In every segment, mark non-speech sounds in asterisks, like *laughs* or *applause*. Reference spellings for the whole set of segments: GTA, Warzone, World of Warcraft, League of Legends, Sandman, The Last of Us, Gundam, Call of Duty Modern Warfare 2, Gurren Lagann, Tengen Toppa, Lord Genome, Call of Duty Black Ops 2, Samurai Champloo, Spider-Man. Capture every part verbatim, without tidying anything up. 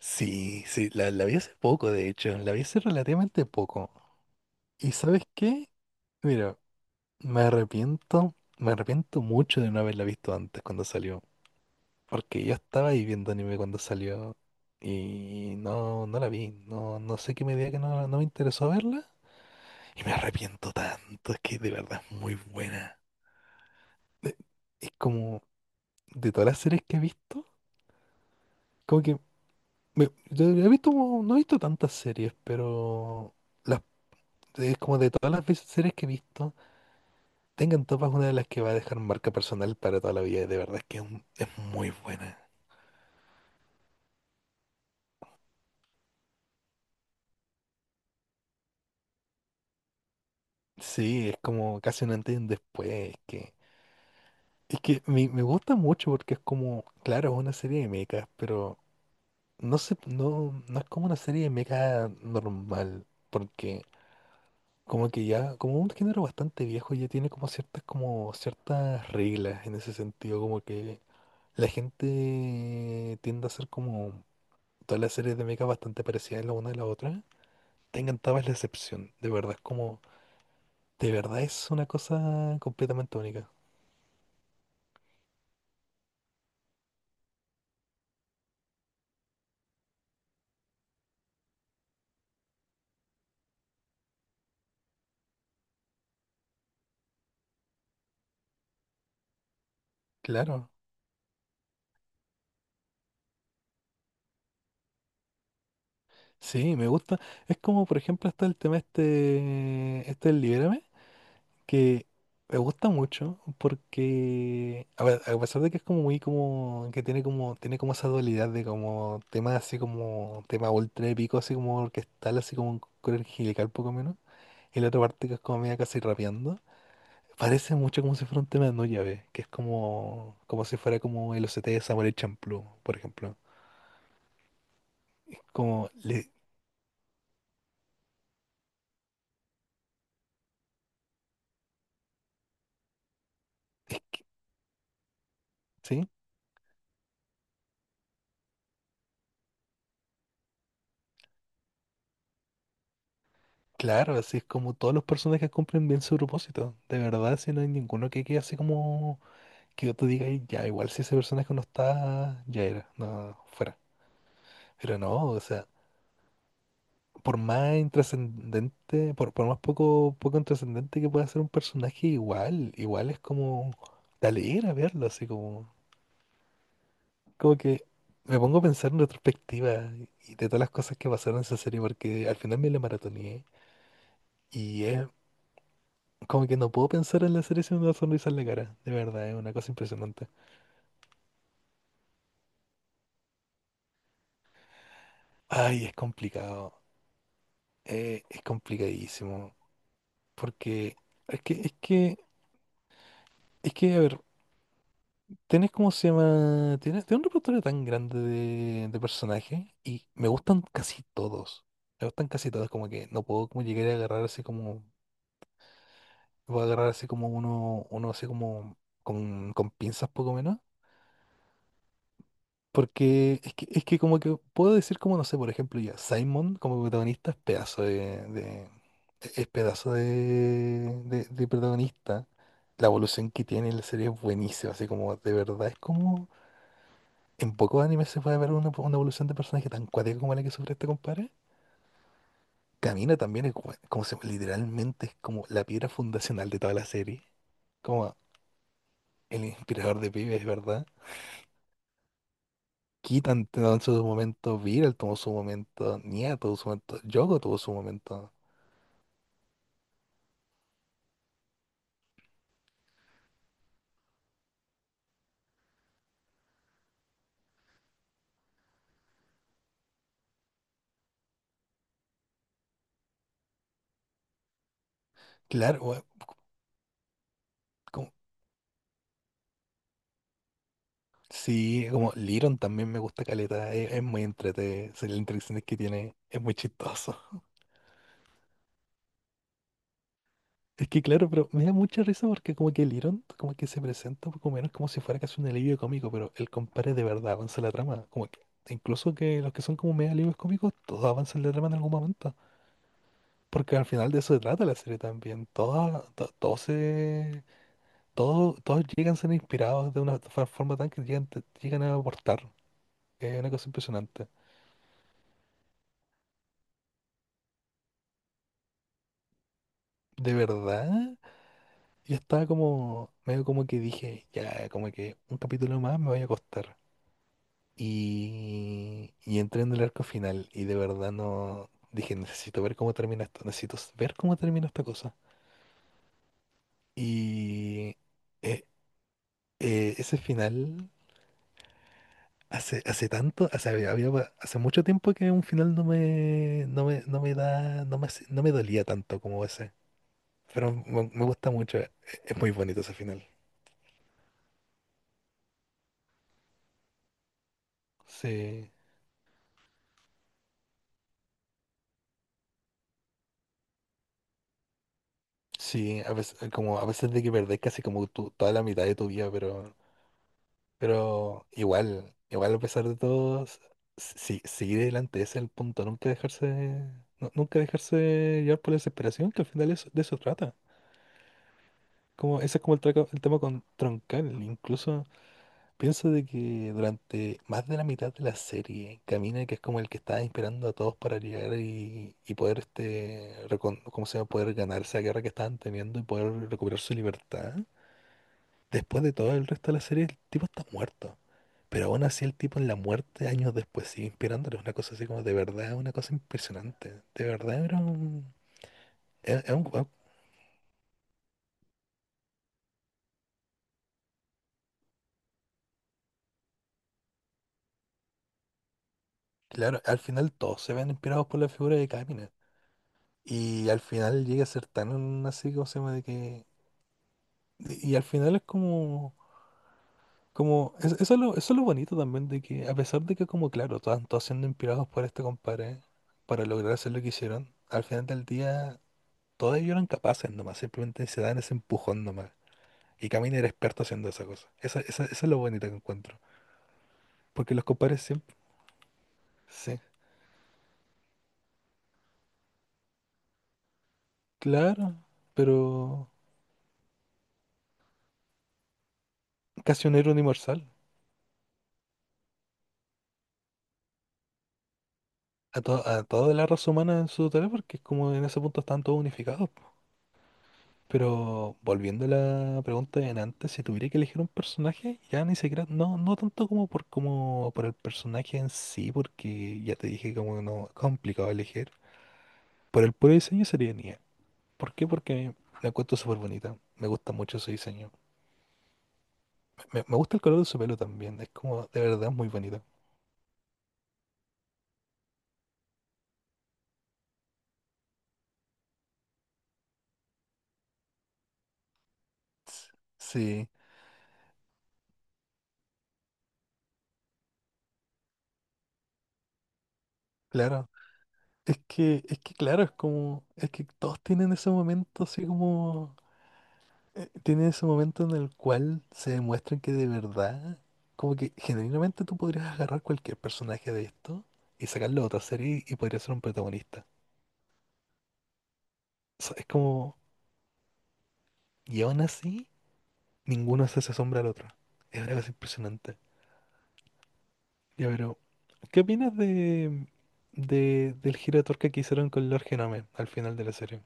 Sí, sí, la, la vi hace poco, de hecho, la vi hace relativamente poco. ¿Y sabes qué? Mira, me arrepiento, me arrepiento mucho de no haberla visto antes cuando salió, porque yo estaba ahí viendo anime cuando salió y no, no la vi, no, no sé qué me diga que no, no me interesó verla y me arrepiento tanto, es que de verdad es muy buena. Eh, Es como de todas las series que he visto, como que me- yo he visto, como- no he visto tantas series, pero... las Es como de todas las veces- series que he visto, Tengan Topa es una de las que va a dejar marca personal para toda la vida. Y de verdad es que es, un- es muy buena. Sí, es como casi un antes y un después. Es que, es que me, me gusta mucho porque es como, claro, es una serie de mechas, pero no sé, no, no es como una serie de mechas normal. Porque como que ya, como un género bastante viejo, ya tiene como ciertas, como ciertas reglas en ese sentido, como que la gente tiende a ser como todas las series de mecha bastante parecidas la una a la otra. Te encantaba es la excepción, de verdad, es como, de verdad es una cosa completamente única. Claro, sí, me gusta. Es como, por ejemplo, está el tema este, este del Libérame, que me gusta mucho porque, a ver, a pesar de que es como muy como, que tiene como, tiene como esa dualidad de como temas así como, tema ultra épico, así como orquestal, así como un coro angelical poco menos. Y la otra parte que es como media casi rapeando. Parece mucho como si fuera un tema de no llave, que es como, como si fuera como el O C T de Samuel Champloo, por ejemplo. Es como, le, es que- ¿sí? Claro, así es como todos los personajes cumplen bien su propósito. De verdad, si no hay ninguno que quede así como que yo te diga digas, ya, igual si ese personaje no está, ya era, no, fuera. Pero no, o sea, por más intrascendente, por, por más poco, poco intrascendente que pueda ser un personaje, igual, igual es como, te alegra verlo, así como. Como que me pongo a pensar en retrospectiva y de todas las cosas que pasaron en esa serie, porque al final me la maratoneé y es como que no puedo pensar en la serie sin una sonrisa en la cara. De verdad, es una cosa impresionante. Ay, es complicado. Eh, es complicadísimo. Porque es que, es que, es que, a ver, tienes cómo se llama, tienes, tienes un repertorio tan grande de, de personajes y me gustan casi todos. Me gustan casi todos, como que no puedo como llegar a agarrar así como Voy a agarrar así como uno, uno así como con, con pinzas poco menos. Porque es que, es que como que puedo decir como, no sé, por ejemplo, ya, Simon como protagonista es pedazo de, de- es pedazo de, de, de protagonista. La evolución que tiene en la serie es buenísima, así como de verdad es como en pocos animes se puede ver una, una evolución de personaje tan cuática como la que sufre este compadre. Camina también es gua- como se, literalmente es como la piedra fundacional de toda la serie. Como el inspirador de pibes, ¿verdad? Kitan tuvo su momento, Viral tuvo su momento, Nia tuvo su momento, Yoko tuvo su momento. Claro, weón, como- sí, como Liron también me gusta caleta, es, es muy entretenido, las interacciones que tiene, es muy chistoso. *laughs* Es que claro, pero me da mucha risa porque como que Liron como que se presenta un poco menos como si fuera casi un alivio cómico, pero el compadre de verdad avanza la trama, como que incluso que los que son como medio alivios cómicos, todos avanzan la trama en algún momento. Porque al final de eso se trata la serie también. Todos, todos se Todos, todos llegan, siendo inspirados de una fa- forma tan que llegan, te- llegan a aportar. Es una cosa impresionante. De verdad, yo estaba como, medio como que dije, ya, como que un capítulo más me voy a costar. Y, y entré en el arco final y de verdad no, dije, necesito ver cómo termina esto, necesito s- ver cómo termina esta cosa. Y eh, eh, Ese final... Hace, hace tanto, hace, había- había hace mucho tiempo que un final no me, no me, no me da, no me, hace- no me dolía tanto como ese. Pero me, me gusta mucho, e- es muy bonito ese final. Sí, sí, a veces, como a veces de que perdés casi como tu- toda la mitad de tu vida, pero, pero igual, igual a pesar de todo, s- si, seguir adelante, ese es el punto, nunca dejarse, nu- nunca dejarse llevar por la desesperación, que al final eso- de eso trata. Como, ese es como el, traca- el tema con Troncal, incluso. Pienso de que durante más de la mitad de la serie, Camina, que es como el que está inspirando a todos para llegar y, y poder este recon- ¿cómo se llama? Poder ganar esa guerra que estaban teniendo y poder recuperar su libertad. Después de todo el resto de la serie, el tipo está muerto. Pero aún así el tipo en la muerte años después sigue inspirándole. Una cosa así como de verdad, una cosa impresionante. De verdad era un... era- era un- era- claro, al final todos se ven inspirados por la figura de Camina. Y al final llega a ser tan así, como se llama? De que Y al final es como, como es- eso es lo, eso es lo bonito también de que, a pesar de que como claro, estaban todos siendo inspirados por este compadre para lograr hacer lo que hicieron, al final del día todos ellos eran capaces nomás, simplemente se dan ese empujón nomás. Y Camino era experto haciendo esa cosa. Esa, esa, eso es lo bonito que encuentro. Porque los compadres siempre, sí, claro, pero casi un héroe universal. A, to- a toda la raza humana en su totalidad, porque es como en ese punto están todos unificados. Pero volviendo a la pregunta de antes, si tuviera que elegir un personaje, ya ni siquiera, no, no tanto como por como por el personaje en sí, porque ya te dije como no, es complicado elegir. Por el puro diseño sería Nia. ¿Por qué? Porque la encuentro súper bonita. Me gusta mucho su diseño. Me, me gusta el color de su pelo también. Es como, de verdad, muy bonito. S- Sí, claro. Es que, es que claro, es como, es que todos tienen ese momento así como eh, tiene ese momento en el cual se demuestra que de verdad, como que genuinamente tú podrías agarrar cualquier personaje de esto y sacarlo a otra serie y podría ser un protagonista. O sea, es como, y aún así, ninguno se hace sombra al otro. Es una cosa impresionante. Ya, pero, ¿qué opinas de, de del giro de tuerca que hicieron con Lord Genome al final de la serie?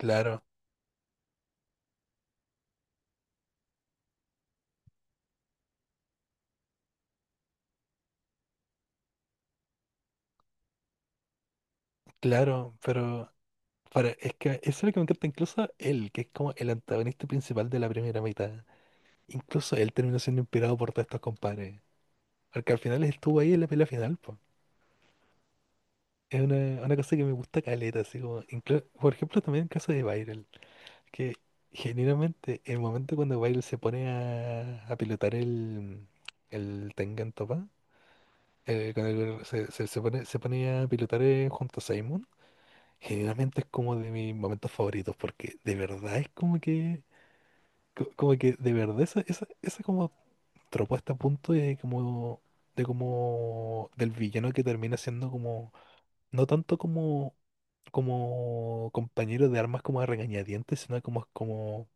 Claro, claro, pero para, es que eso es lo que me encanta, incluso él, que es como el antagonista principal de la primera mitad. Incluso él terminó siendo inspirado por todos estos compadres. Porque al final estuvo ahí en la pelea final, po. Es una, una cosa que me gusta caleta, así como, inclu- por ejemplo, también el caso de Viral, que generalmente el momento cuando Viral se pone a, a pilotar el, el Tengen Toppa, eh, cuando el- se, se- se pone, se pone a pilotar eh, junto a Simon, generalmente es como de mis momentos favoritos, porque de verdad es como que, co- como que de verdad esa, esa, esa como tropó hasta el punto de como, de como, del villano que termina siendo como, no tanto como, como compañero de armas como a regañadientes, sino como, como,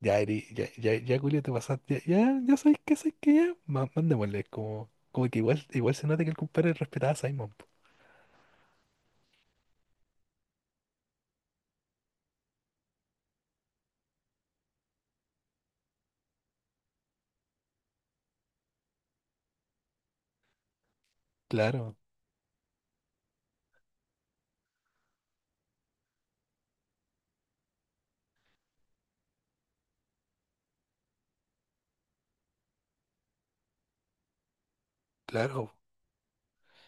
ya, Eri, ya, ya, ya, Julio, te pasaste, ya, ya, ya sabes que, sabes que ya, ma- mandémosle, como, como que igual, igual se nota que el compadre respetaba a Simon, po. Claro, claro,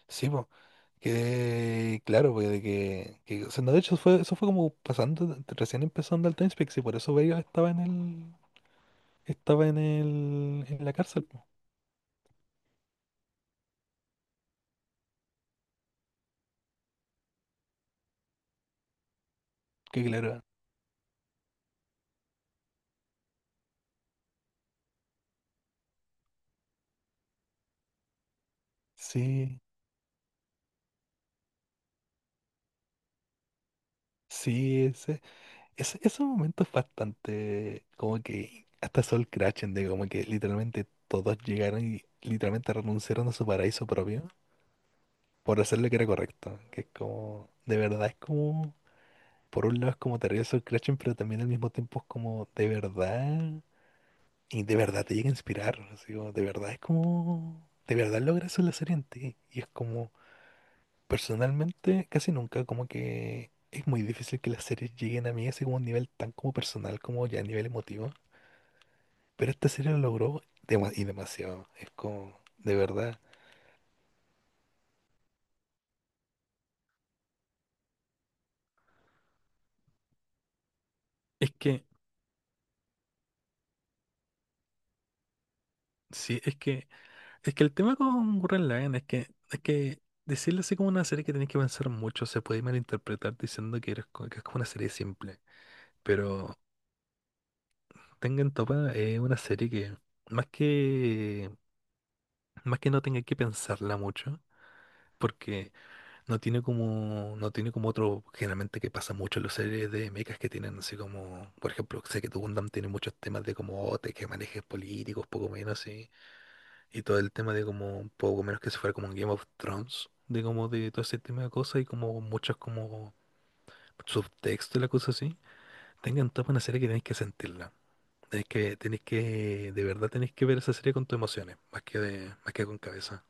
sí, po. Que claro, pues de que, que o sea, no, de hecho fue, eso fue como pasando, recién empezando al Time Speak, y por eso Vega estaba en el, estaba en el, en la cárcel, po. Que claro, sí, sí, ese, ese, ese momento es bastante como que hasta Sol crachen de como que literalmente todos llegaron y literalmente renunciaron a su paraíso propio por hacer lo que era correcto. Que es como, de verdad es como, por un lado es como terrible Sol crachen pero también al mismo tiempo es como de verdad, y de verdad te llega a inspirar, así como, de verdad es como, de verdad logra eso en la serie en ti. Y es como Personalmente, casi nunca, como que es muy difícil que las series lleguen a mí así como a un nivel tan como personal como ya a nivel emotivo. Pero esta serie lo logró dema- y demasiado. Es como, de verdad. Es que, sí, es que, es que el tema con Gurren Lagann es que, es que decirle así como una serie que tenés que pensar mucho se puede malinterpretar diciendo que, eres co- que es como una serie simple. Pero Tengen Toppa es una serie que, más que, más que no tenga que pensarla mucho, porque No tiene como, no tiene como otro, generalmente que pasa mucho en las series de mechas que tienen así como, por ejemplo, sé que tu Gundam tiene muchos temas de como oh, te que manejes políticos, poco menos así, y todo el tema de como, poco menos que se fuera como un Game of Thrones, de como de todo ese tema de cosas y como muchos como subtextos y la cosa así, tengan toda una serie que tenéis que sentirla. Tenéis que, tenéis que, de verdad tenéis que ver esa serie con tus emociones, más que de, más que con cabeza.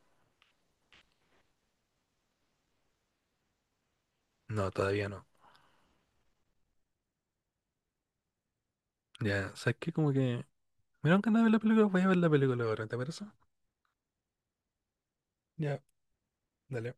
No, todavía no. Ya, ¿sabes qué? Como que Me dan ganas de ver la película, voy a ver la película ahora, ¿te parece? Ya, dale.